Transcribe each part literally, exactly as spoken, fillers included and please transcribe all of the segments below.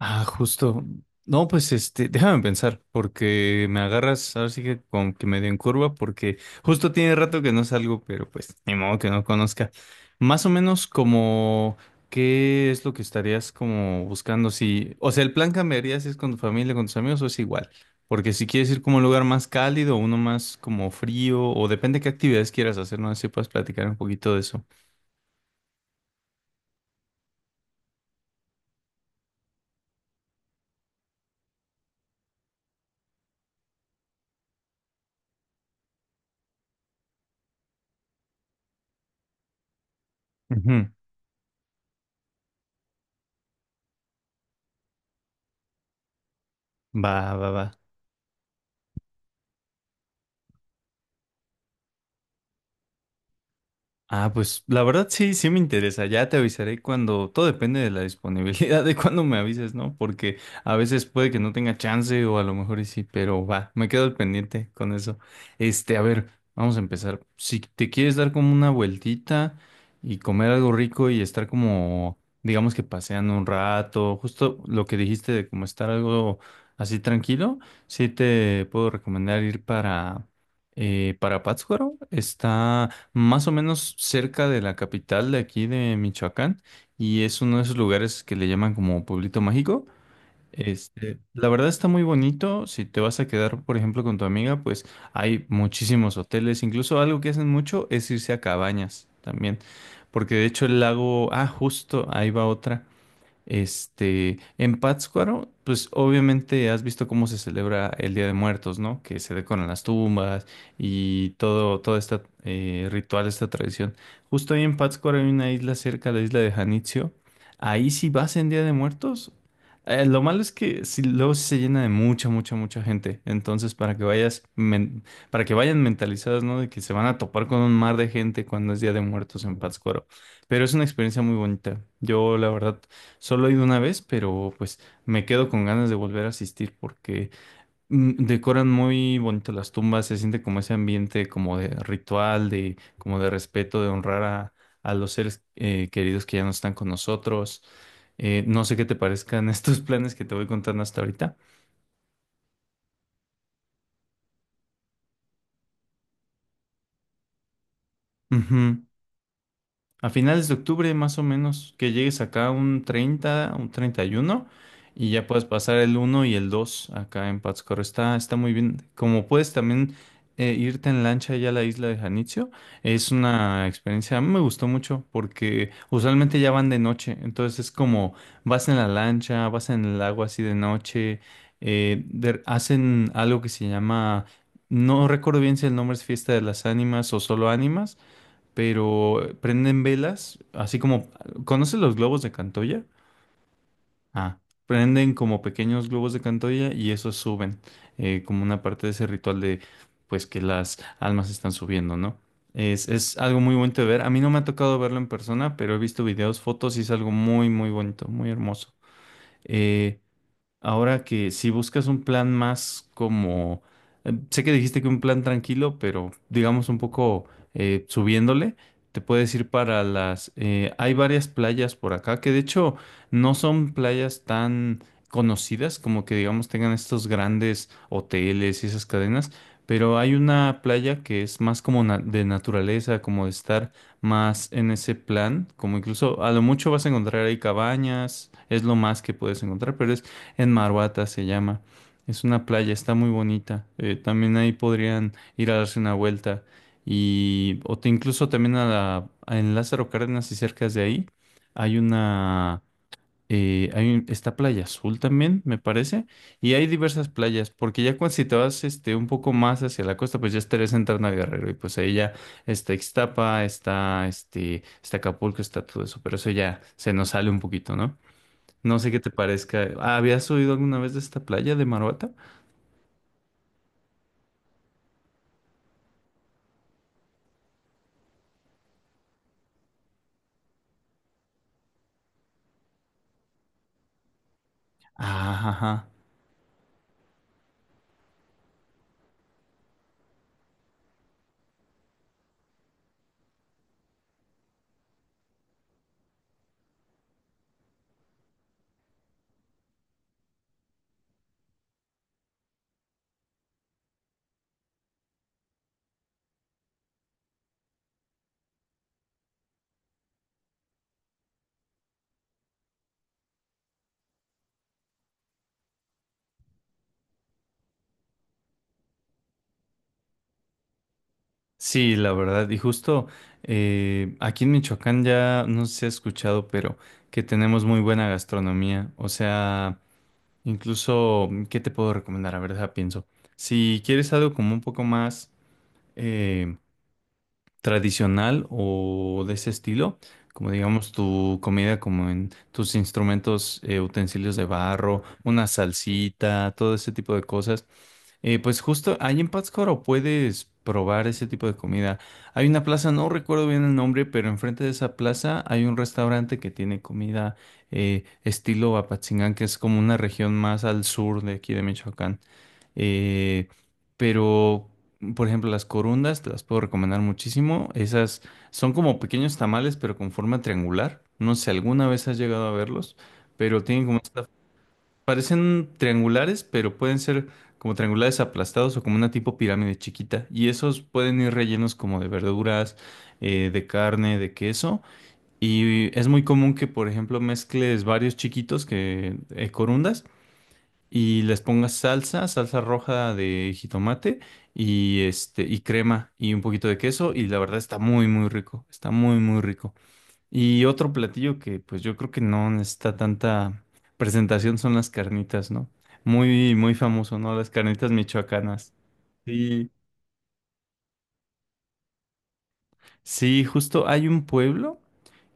Ah, justo. No, pues este, déjame pensar, porque me agarras, ahora sí que con que medio en curva, porque justo tiene rato que no salgo, pero pues ni modo que no conozca. Más o menos como qué es lo que estarías como buscando si, o sea, el plan cambiaría si es con tu familia, con tus amigos o es igual, porque si quieres ir como a un lugar más cálido, uno más como frío, o depende qué actividades quieras hacer, no sé si puedes platicar un poquito de eso. Ujú. Va, va, va. Ah, pues la verdad sí, sí me interesa. Ya te avisaré cuando, todo depende de la disponibilidad de cuando me avises, ¿no? Porque a veces puede que no tenga chance o a lo mejor y sí, pero va, me quedo al pendiente con eso. Este, a ver, vamos a empezar. Si te quieres dar como una vueltita y comer algo rico y estar como, digamos que paseando un rato, justo lo que dijiste de como estar algo así tranquilo, sí te puedo recomendar ir para, eh, para Pátzcuaro. Está más o menos cerca de la capital de aquí de Michoacán y es uno de esos lugares que le llaman como Pueblito Mágico. Este, la verdad está muy bonito. Si te vas a quedar, por ejemplo, con tu amiga, pues hay muchísimos hoteles. Incluso algo que hacen mucho es irse a cabañas también. Porque de hecho el lago, ah, justo, ahí va otra. Este, en Pátzcuaro, pues obviamente has visto cómo se celebra el Día de Muertos, ¿no? Que se decoran las tumbas y todo, todo este eh, ritual, esta tradición. Justo ahí en Pátzcuaro hay una isla cerca, la isla de Janitzio. Ahí sí vas en Día de Muertos. Eh, lo malo es que sí, luego sí se llena de mucha, mucha, mucha gente. Entonces, para que vayas, men- para que vayan mentalizadas, ¿no? De que se van a topar con un mar de gente cuando es Día de Muertos en Pátzcuaro. Pero es una experiencia muy bonita. Yo, la verdad, solo he ido una vez, pero pues me quedo con ganas de volver a asistir porque mm, decoran muy bonito las tumbas, se siente como ese ambiente como de ritual, de como de respeto, de honrar a, a los seres eh, queridos que ya no están con nosotros. Eh, no sé qué te parezcan estos planes que te voy contando hasta ahorita. Ujú. A finales de octubre, más o menos, que llegues acá un treinta, un treinta y uno y ya puedes pasar el uno y el dos acá en Pátzcuaro. Está, está muy bien. Como puedes también eh, irte en lancha allá a la isla de Janitzio, es una experiencia, a mí me gustó mucho porque usualmente ya van de noche, entonces es como vas en la lancha, vas en el agua así de noche, eh, de- hacen algo que se llama, no recuerdo bien si el nombre es Fiesta de las Ánimas o solo Ánimas, pero prenden velas, así como, ¿conoces los globos de Cantoya? Ah, prenden como pequeños globos de Cantoya y esos suben, eh, como una parte de ese ritual de, pues que las almas están subiendo, ¿no? Es, es algo muy bonito de ver. A mí no me ha tocado verlo en persona, pero he visto videos, fotos y es algo muy, muy bonito, muy hermoso. Eh, Ahora que si buscas un plan más como, eh, sé que dijiste que un plan tranquilo, pero digamos un poco eh, subiéndole, te puedes ir para las, eh, hay varias playas por acá que de hecho no son playas tan conocidas como que digamos tengan estos grandes hoteles y esas cadenas, pero hay una playa que es más como na- de naturaleza, como de estar más en ese plan, como incluso a lo mucho vas a encontrar ahí cabañas, es lo más que puedes encontrar, pero es en Marhuata se llama. Es una playa, está muy bonita. Eh, también ahí podrían ir a darse una vuelta. Y o te- incluso también a la, a- en Lázaro Cárdenas y cerca de ahí hay una, eh, hay un- está Playa Azul también, me parece. Y hay diversas playas, porque ya cuando si te vas este, un poco más hacia la costa, pues ya estarías entrando a Guerrero. Y pues ahí ya está Ixtapa, está, este, está Acapulco, está todo eso. Pero eso ya se nos sale un poquito, ¿no? No sé qué te parezca. Ah, ¿habías oído alguna vez de esta playa de Maruata? Ajá, ajá. Sí, la verdad. Y justo eh, aquí en Michoacán ya no sé si has escuchado, pero que tenemos muy buena gastronomía. O sea, incluso, ¿qué te puedo recomendar? A ver, deja pienso. Si quieres algo como un poco más eh, tradicional o de ese estilo, como digamos tu comida, como en tus instrumentos, eh, utensilios de barro, una salsita, todo ese tipo de cosas. Eh, pues justo ahí en Pátzcuaro puedes probar ese tipo de comida. Hay una plaza, no recuerdo bien el nombre, pero enfrente de esa plaza hay un restaurante que tiene comida eh, estilo Apatzingán, que es como una región más al sur de aquí de Michoacán. Eh, pero, por ejemplo, las corundas te las puedo recomendar muchísimo. Esas son como pequeños tamales, pero con forma triangular. No sé, alguna vez has llegado a verlos. Pero tienen como Parecen triangulares, pero pueden ser como triangulares aplastados o como una tipo pirámide chiquita. Y esos pueden ir rellenos como de verduras, eh, de carne, de queso. Y es muy común que, por ejemplo, mezcles varios chiquitos que eh, corundas y les pongas salsa, salsa roja de jitomate y este y crema y un poquito de queso. Y la verdad está muy, muy rico. Está muy, muy rico. Y otro platillo que pues yo creo que no necesita tanta presentación son las carnitas, ¿no? Muy, muy famoso, ¿no? Las carnitas michoacanas. Sí. Sí, justo hay un pueblo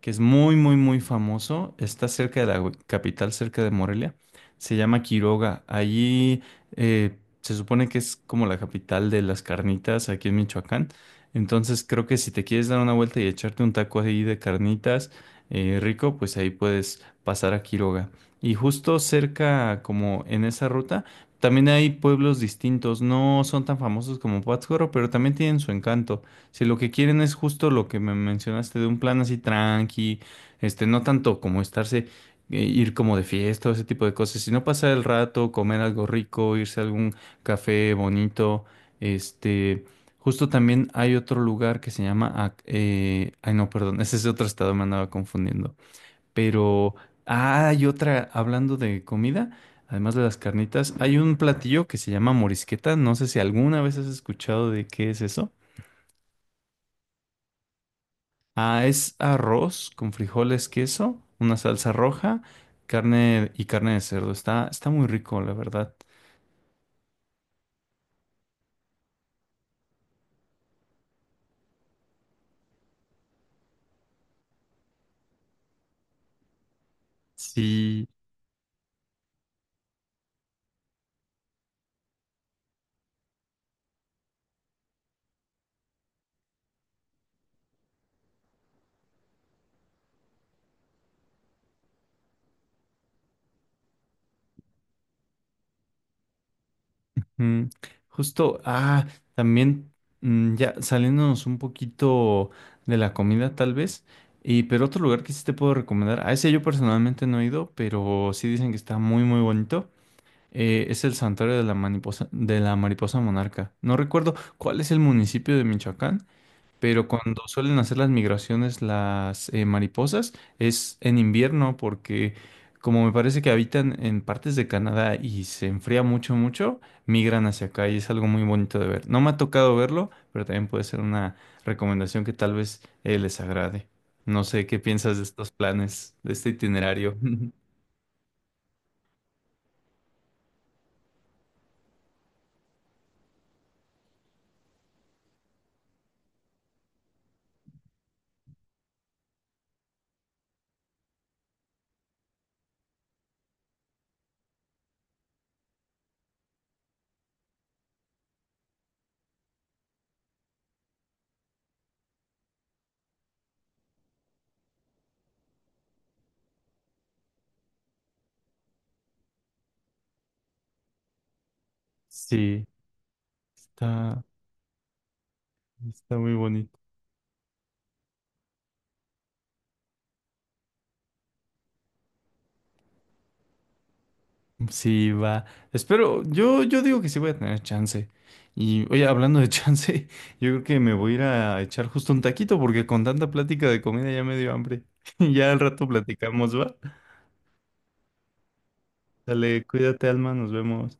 que es muy, muy, muy famoso. Está cerca de la capital, cerca de Morelia. Se llama Quiroga. Allí eh, se supone que es como la capital de las carnitas aquí en Michoacán. Entonces creo que si te quieres dar una vuelta y echarte un taco ahí de carnitas eh, rico, pues ahí puedes pasar a Quiroga. Y justo cerca, como en esa ruta, también hay pueblos distintos. No son tan famosos como Pátzcuaro, pero también tienen su encanto. Si lo que quieren es justo lo que me mencionaste de un plan así tranqui, este, no tanto como estarse, eh, ir como de fiesta o ese tipo de cosas, sino pasar el rato, comer algo rico, irse a algún café bonito, este, justo también hay otro lugar que se llama, Ac- eh, ay no, perdón, ese es otro estado, me andaba confundiendo, pero ah, hay otra, hablando de comida, además de las carnitas, hay un platillo que se llama morisqueta, no sé si alguna vez has escuchado de qué es eso. Ah, es arroz con frijoles, queso, una salsa roja, carne y carne de cerdo. Está, está muy rico, la verdad. Sí. mm, Justo, ah, también mm, ya saliéndonos un poquito de la comida, tal vez. Y, pero otro lugar que sí te puedo recomendar, a ese yo personalmente no he ido, pero sí dicen que está muy, muy bonito. Eh, es el santuario de la mariposa, de la mariposa monarca. No recuerdo cuál es el municipio de Michoacán. Pero cuando suelen hacer las migraciones las eh, mariposas es en invierno porque como me parece que habitan en partes de Canadá y se enfría mucho, mucho, migran hacia acá y es algo muy bonito de ver. No me ha tocado verlo, pero también puede ser una recomendación que tal vez eh, les agrade. No sé qué piensas de estos planes, de este itinerario. Sí, está, está muy bonito. Sí, va. Espero, yo, yo digo que sí voy a tener chance. Y oye, hablando de chance, yo creo que me voy a ir a echar justo un taquito porque con tanta plática de comida ya me dio hambre. Ya al rato platicamos, ¿va? Dale, cuídate, Alma, nos vemos.